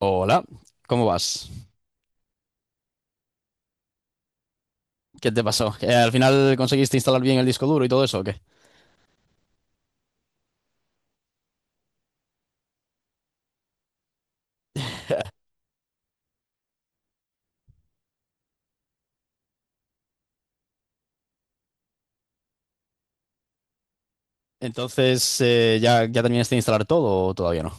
Hola, ¿cómo vas? ¿Qué te pasó? ¿Al final conseguiste instalar bien el disco duro y todo eso o qué? Entonces, ¿ya terminaste de instalar todo o todavía no?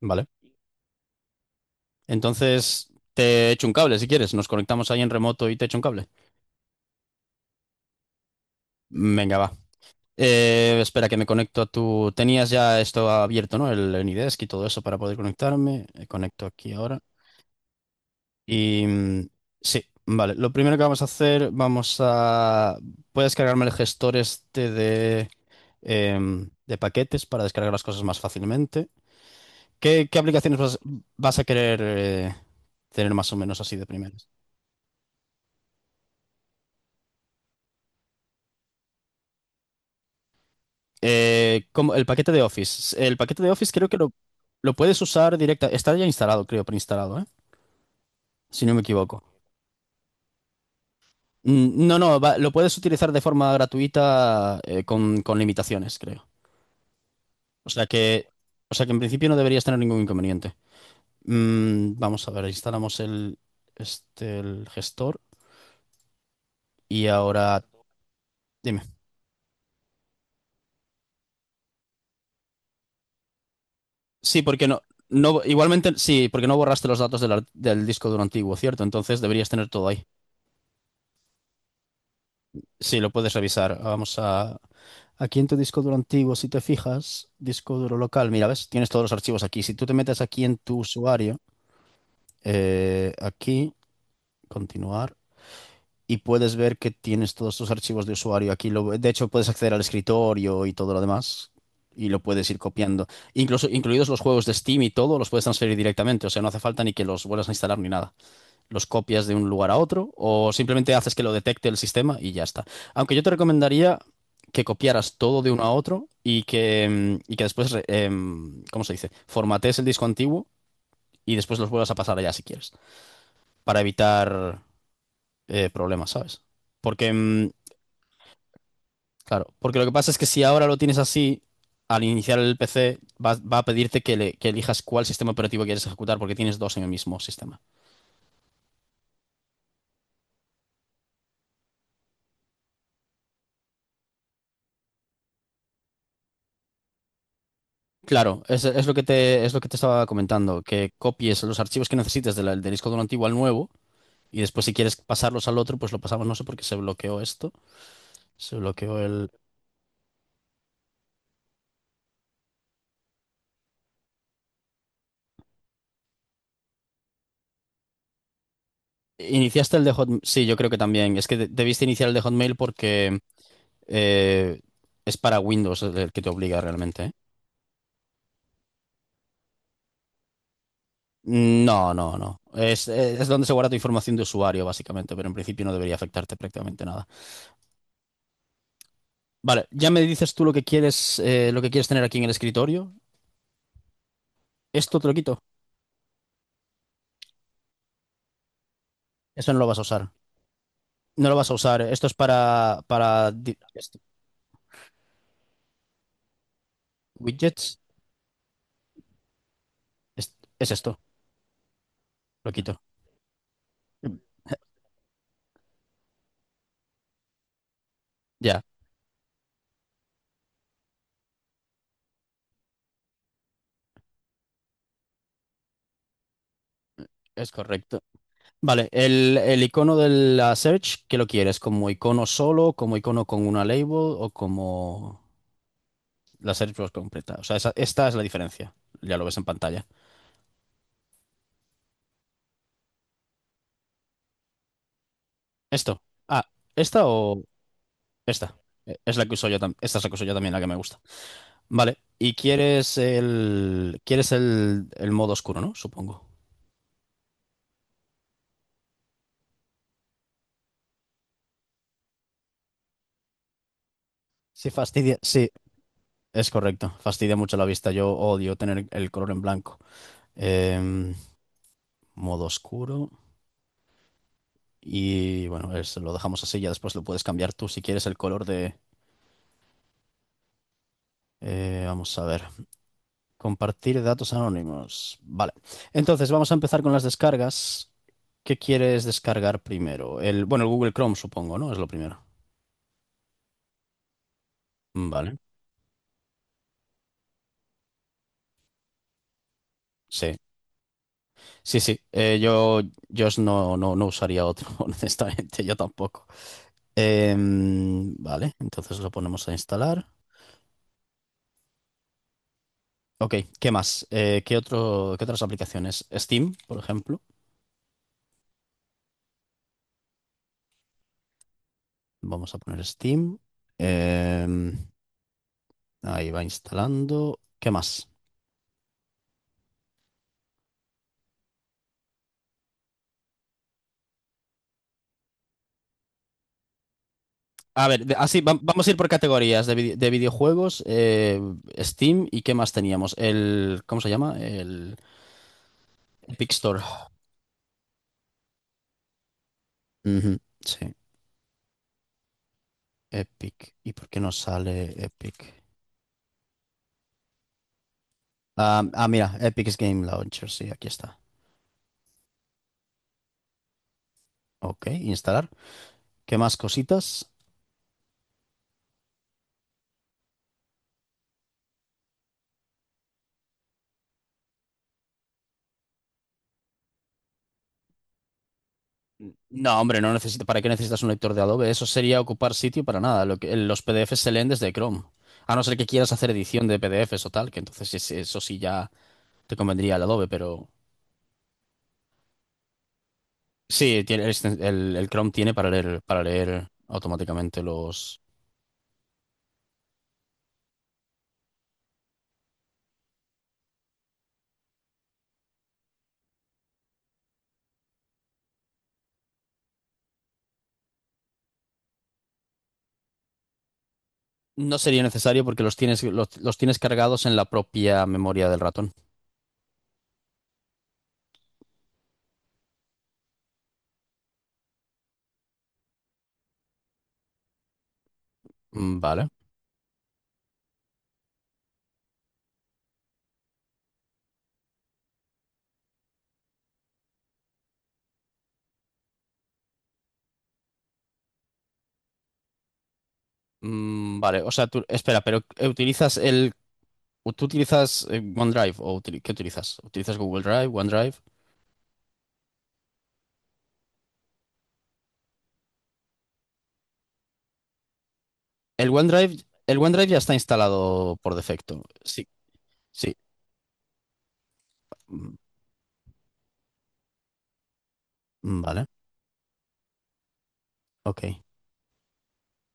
Vale. Entonces, te echo un cable si quieres. Nos conectamos ahí en remoto y te echo un cable. Venga, va. Espera que me conecto a tu... Tenías ya esto abierto, ¿no? El Nidesk y todo eso para poder conectarme. Conecto aquí ahora. Y mm, sí, vale. Lo primero que vamos a hacer, vamos a... Puedes cargarme el gestor este de paquetes para descargar las cosas más fácilmente. ¿Qué aplicaciones vas a querer tener más o menos así de primeras? Como el paquete de Office. El paquete de Office creo que lo puedes usar directa. Está ya instalado, creo, preinstalado, ¿eh? Si no me equivoco. No, no, lo puedes utilizar de forma gratuita con limitaciones, creo. O sea que, o sea que en principio no deberías tener ningún inconveniente. Vamos a ver, instalamos el, este, el gestor y ahora dime. Sí, porque no, no, igualmente sí, porque no borraste los datos del, del disco duro antiguo, ¿cierto? Entonces deberías tener todo ahí. Sí, lo puedes revisar. Vamos a, aquí en tu disco duro antiguo, si te fijas, disco duro local, mira, ves, tienes todos los archivos aquí. Si tú te metes aquí en tu usuario. Eh, aquí, continuar, y puedes ver que tienes todos tus archivos de usuario aquí. Lo, de hecho, puedes acceder al escritorio y todo lo demás, y lo puedes ir copiando. Incluso, incluidos los juegos de Steam y todo, los puedes transferir directamente, o sea, no hace falta ni que los vuelvas a instalar ni nada. Los copias de un lugar a otro, o simplemente haces que lo detecte el sistema y ya está. Aunque yo te recomendaría que copiaras todo de uno a otro y que, y que después, ¿cómo se dice? Formatees el disco antiguo y después los vuelvas a pasar allá si quieres, para evitar problema, ¿sabes? Porque, mm, claro, porque lo que pasa es que si ahora lo tienes así, al iniciar el PC, va, va a pedirte que elijas cuál sistema operativo quieres ejecutar porque tienes dos en el mismo sistema. Claro, es lo que te, es lo que te estaba comentando, que copies los archivos que necesites de del disco duro antiguo al nuevo y después si quieres pasarlos al otro, pues lo pasamos, no sé por qué se bloqueó esto, se bloqueó el... ¿Iniciaste el de Hotmail? Sí, yo creo que también. Es que debiste iniciar el de Hotmail porque eh, es para Windows el que te obliga realmente, ¿eh? No, no, no. Es donde se guarda tu información de usuario, básicamente, pero en principio no debería afectarte prácticamente nada. Vale, ya me dices tú lo que quieres tener aquí en el escritorio. Esto te lo quito. Eso no lo vas a usar. No lo vas a usar. Esto es para esto. Widgets. Es esto. Lo quito. Ya, es correcto. Vale, el icono de la search, ¿qué lo quieres? ¿Como icono solo, como icono con una label o como la search box completa? O sea, esta es la diferencia. Ya lo ves en pantalla. Esto. Ah, ¿esta o esta? Es la que uso yo también. Esta es la que uso yo también, la que me gusta. Vale. Y quieres el. Quieres el modo oscuro, ¿no? Supongo. Sí, fastidia. Sí, es correcto. Fastidia mucho la vista. Yo odio tener el color en blanco. Em, modo oscuro. Y bueno, lo dejamos así. Ya después lo puedes cambiar tú si quieres el color de. Vamos a ver. Compartir datos anónimos. Vale. Entonces, vamos a empezar con las descargas. ¿Qué quieres descargar primero? El, bueno, el Google Chrome, supongo, ¿no? Es lo primero. Vale. Sí. Sí, sí. No, no, no usaría otro, honestamente. Yo tampoco. Vale. Entonces lo ponemos a instalar. Ok. ¿Qué más? ¿ qué otras aplicaciones? Steam, por ejemplo. Vamos a poner Steam. Em, ahí va instalando. ¿Qué más? A ver, vamos a ir por categorías de, de videojuegos, Steam y qué más teníamos. El, ¿cómo se llama? El Epic Store. Ujú, sí, Epic. ¿Y por qué no sale Epic? Ah, ah, mira, Epic Game Launcher, sí, aquí está. Ok, instalar. ¿Qué más cositas? No, hombre, no necesito. ¿Para qué necesitas un lector de Adobe? Eso sería ocupar sitio para nada. Lo que, los PDFs se leen desde Chrome. A no ser que quieras hacer edición de PDFs o tal, que entonces eso sí ya te convendría el Adobe, pero sí, el Chrome tiene para leer automáticamente los... No sería necesario porque los tienes cargados en la propia memoria del ratón. Vale. Vale, o sea, tú, espera, pero ¿utilizas el... o ¿Tú utilizas OneDrive o qué utilizas? ¿Utilizas Google Drive, OneDrive? El OneDrive, el OneDrive ya está instalado por defecto. Sí, sí. Mm, Vale, ok.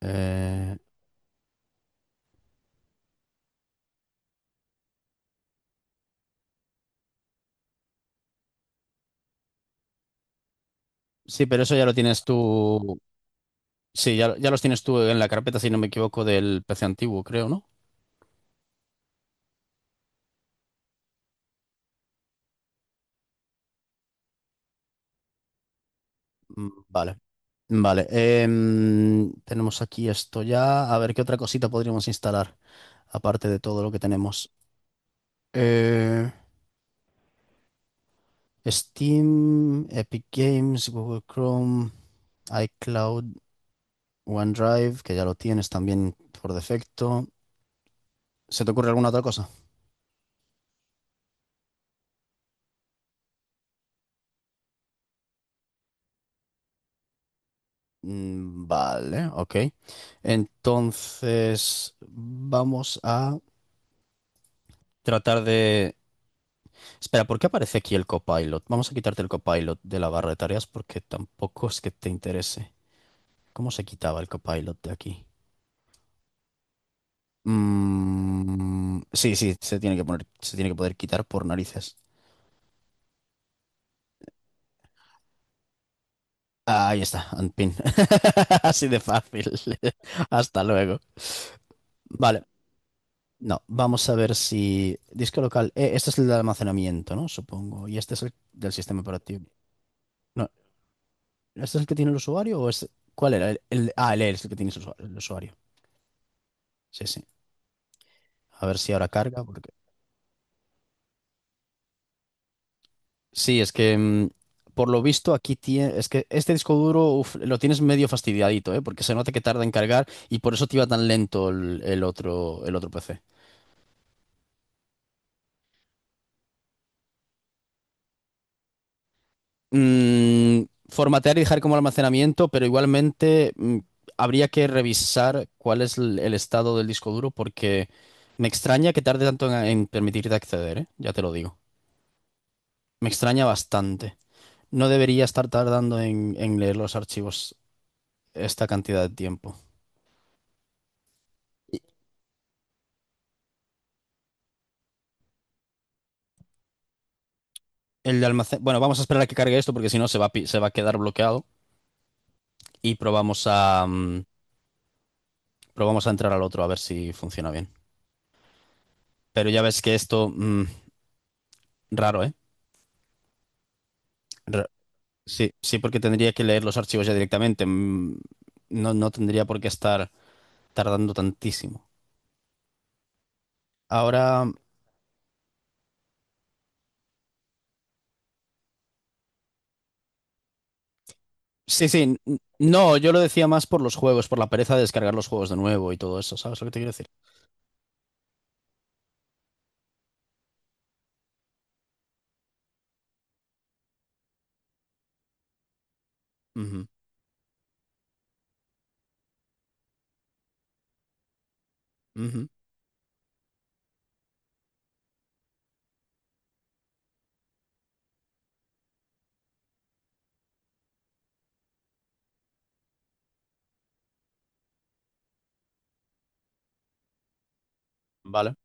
Eh, sí, pero eso ya lo tienes tú. Sí, ya, ya los tienes tú en la carpeta, si no me equivoco, del PC antiguo, creo, ¿no? Vale, vale. Tenemos aquí esto ya. A ver, ¿qué otra cosita podríamos instalar? Aparte de todo lo que tenemos. Eh, Steam, Epic Games, Google Chrome, iCloud, OneDrive, que ya lo tienes también por defecto. ¿Se te ocurre alguna otra cosa? Vale, ok. Entonces, vamos a tratar de Espera, ¿por qué aparece aquí el copilot? Vamos a quitarte el copilot de la barra de tareas porque tampoco es que te interese. ¿Cómo se quitaba el copilot de aquí? Sí, sí, se tiene que poner, se tiene que poder quitar por narices. Ah, ahí está, unpin. Así de fácil. Hasta luego. Vale, no, vamos a ver si. Disco local. Este es el de almacenamiento, ¿no? Supongo. Y este es el del sistema operativo. No, ¿este es el que tiene el usuario o es. ¿Cuál era? El E es el que tiene el el usuario. Sí, sí. A ver si ahora carga, porque... Sí, es que por lo visto aquí tiene... Es que este disco duro uf, lo tienes medio fastidiadito, ¿eh? Porque se nota que tarda en cargar y por eso te iba tan lento el otro PC. Mm, formatear y dejar como almacenamiento, pero igualmente habría que revisar cuál es el estado del disco duro porque me extraña que tarde tanto en permitirte acceder, ¿eh? Ya te lo digo. Me extraña bastante. No debería estar tardando en leer los archivos esta cantidad de tiempo. El de almacén. Bueno, vamos a esperar a que cargue esto porque si no se va, se va a quedar bloqueado y probamos a, probamos a entrar al otro a ver si funciona bien. Pero ya ves que esto, raro, ¿eh? Ra- sí, sí, porque tendría que leer los archivos ya directamente. No, no tendría por qué estar tardando tantísimo. Ahora, sí, sí, no, yo lo decía más por los juegos, por la pereza de descargar los juegos de nuevo y todo eso, ¿sabes lo que te quiero decir? Ujú, ujú, vale.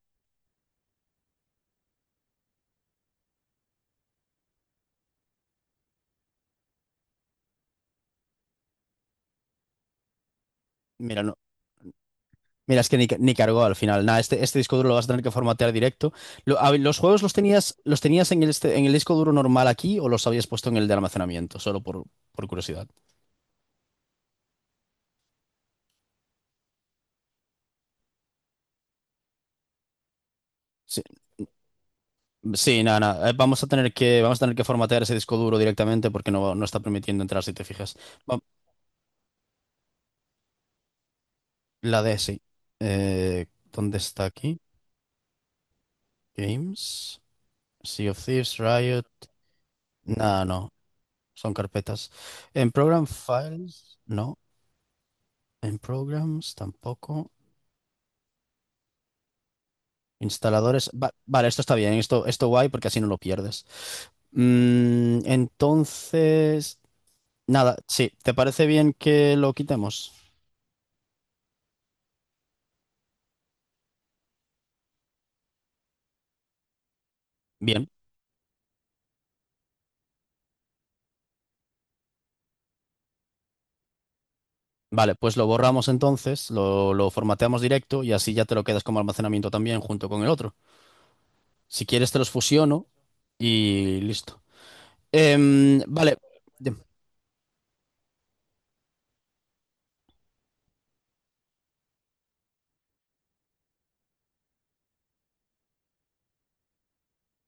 Mira, mira, es que ni, ni cargó al final. Nada, este disco duro lo vas a tener que formatear directo. A ver, ¿los juegos los tenías en el, en el disco duro normal aquí o los habías puesto en el de almacenamiento? Solo por curiosidad. Sí, sí, nada, nada. Vamos a tener que, vamos a tener que formatear ese disco duro directamente porque no, no está permitiendo entrar si te fijas. Va- La D, sí. Eh, ¿Dónde está aquí? Games. Sea of Thieves, Riot. Nada, no. Son carpetas. En Program Files, no. En Programs, tampoco. Instaladores. Vale, esto está bien, esto guay porque así no lo pierdes. Entonces, nada, sí, ¿te parece bien que lo quitemos? Bien, vale, pues lo borramos entonces, lo formateamos directo y así ya te lo quedas como almacenamiento también junto con el otro. Si quieres te los fusiono y listo. Vale, de-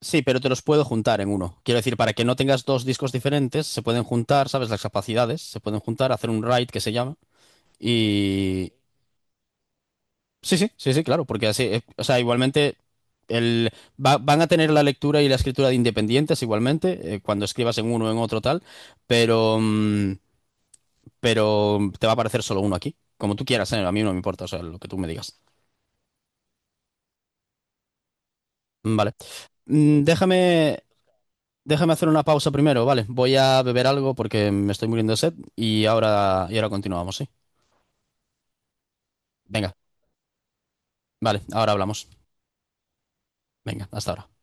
sí, pero te los puedo juntar en uno. Quiero decir, para que no tengas dos discos diferentes, se pueden juntar, ¿sabes? Las capacidades, se pueden juntar, hacer un write que se llama. Y sí, sí, sí, sí, claro, porque así, o sea, igualmente el, van a tener la lectura y la escritura de independientes igualmente, cuando escribas en uno o en otro tal, pero, mm, pero te va a aparecer solo uno aquí, como tú quieras, a mí no me importa, o sea, lo que tú me digas. Vale. Déjame, déjame hacer una pausa primero, ¿vale? Voy a beber algo porque me estoy muriendo de sed y ahora continuamos, ¿sí? Venga, vale, ahora hablamos. Venga, hasta ahora.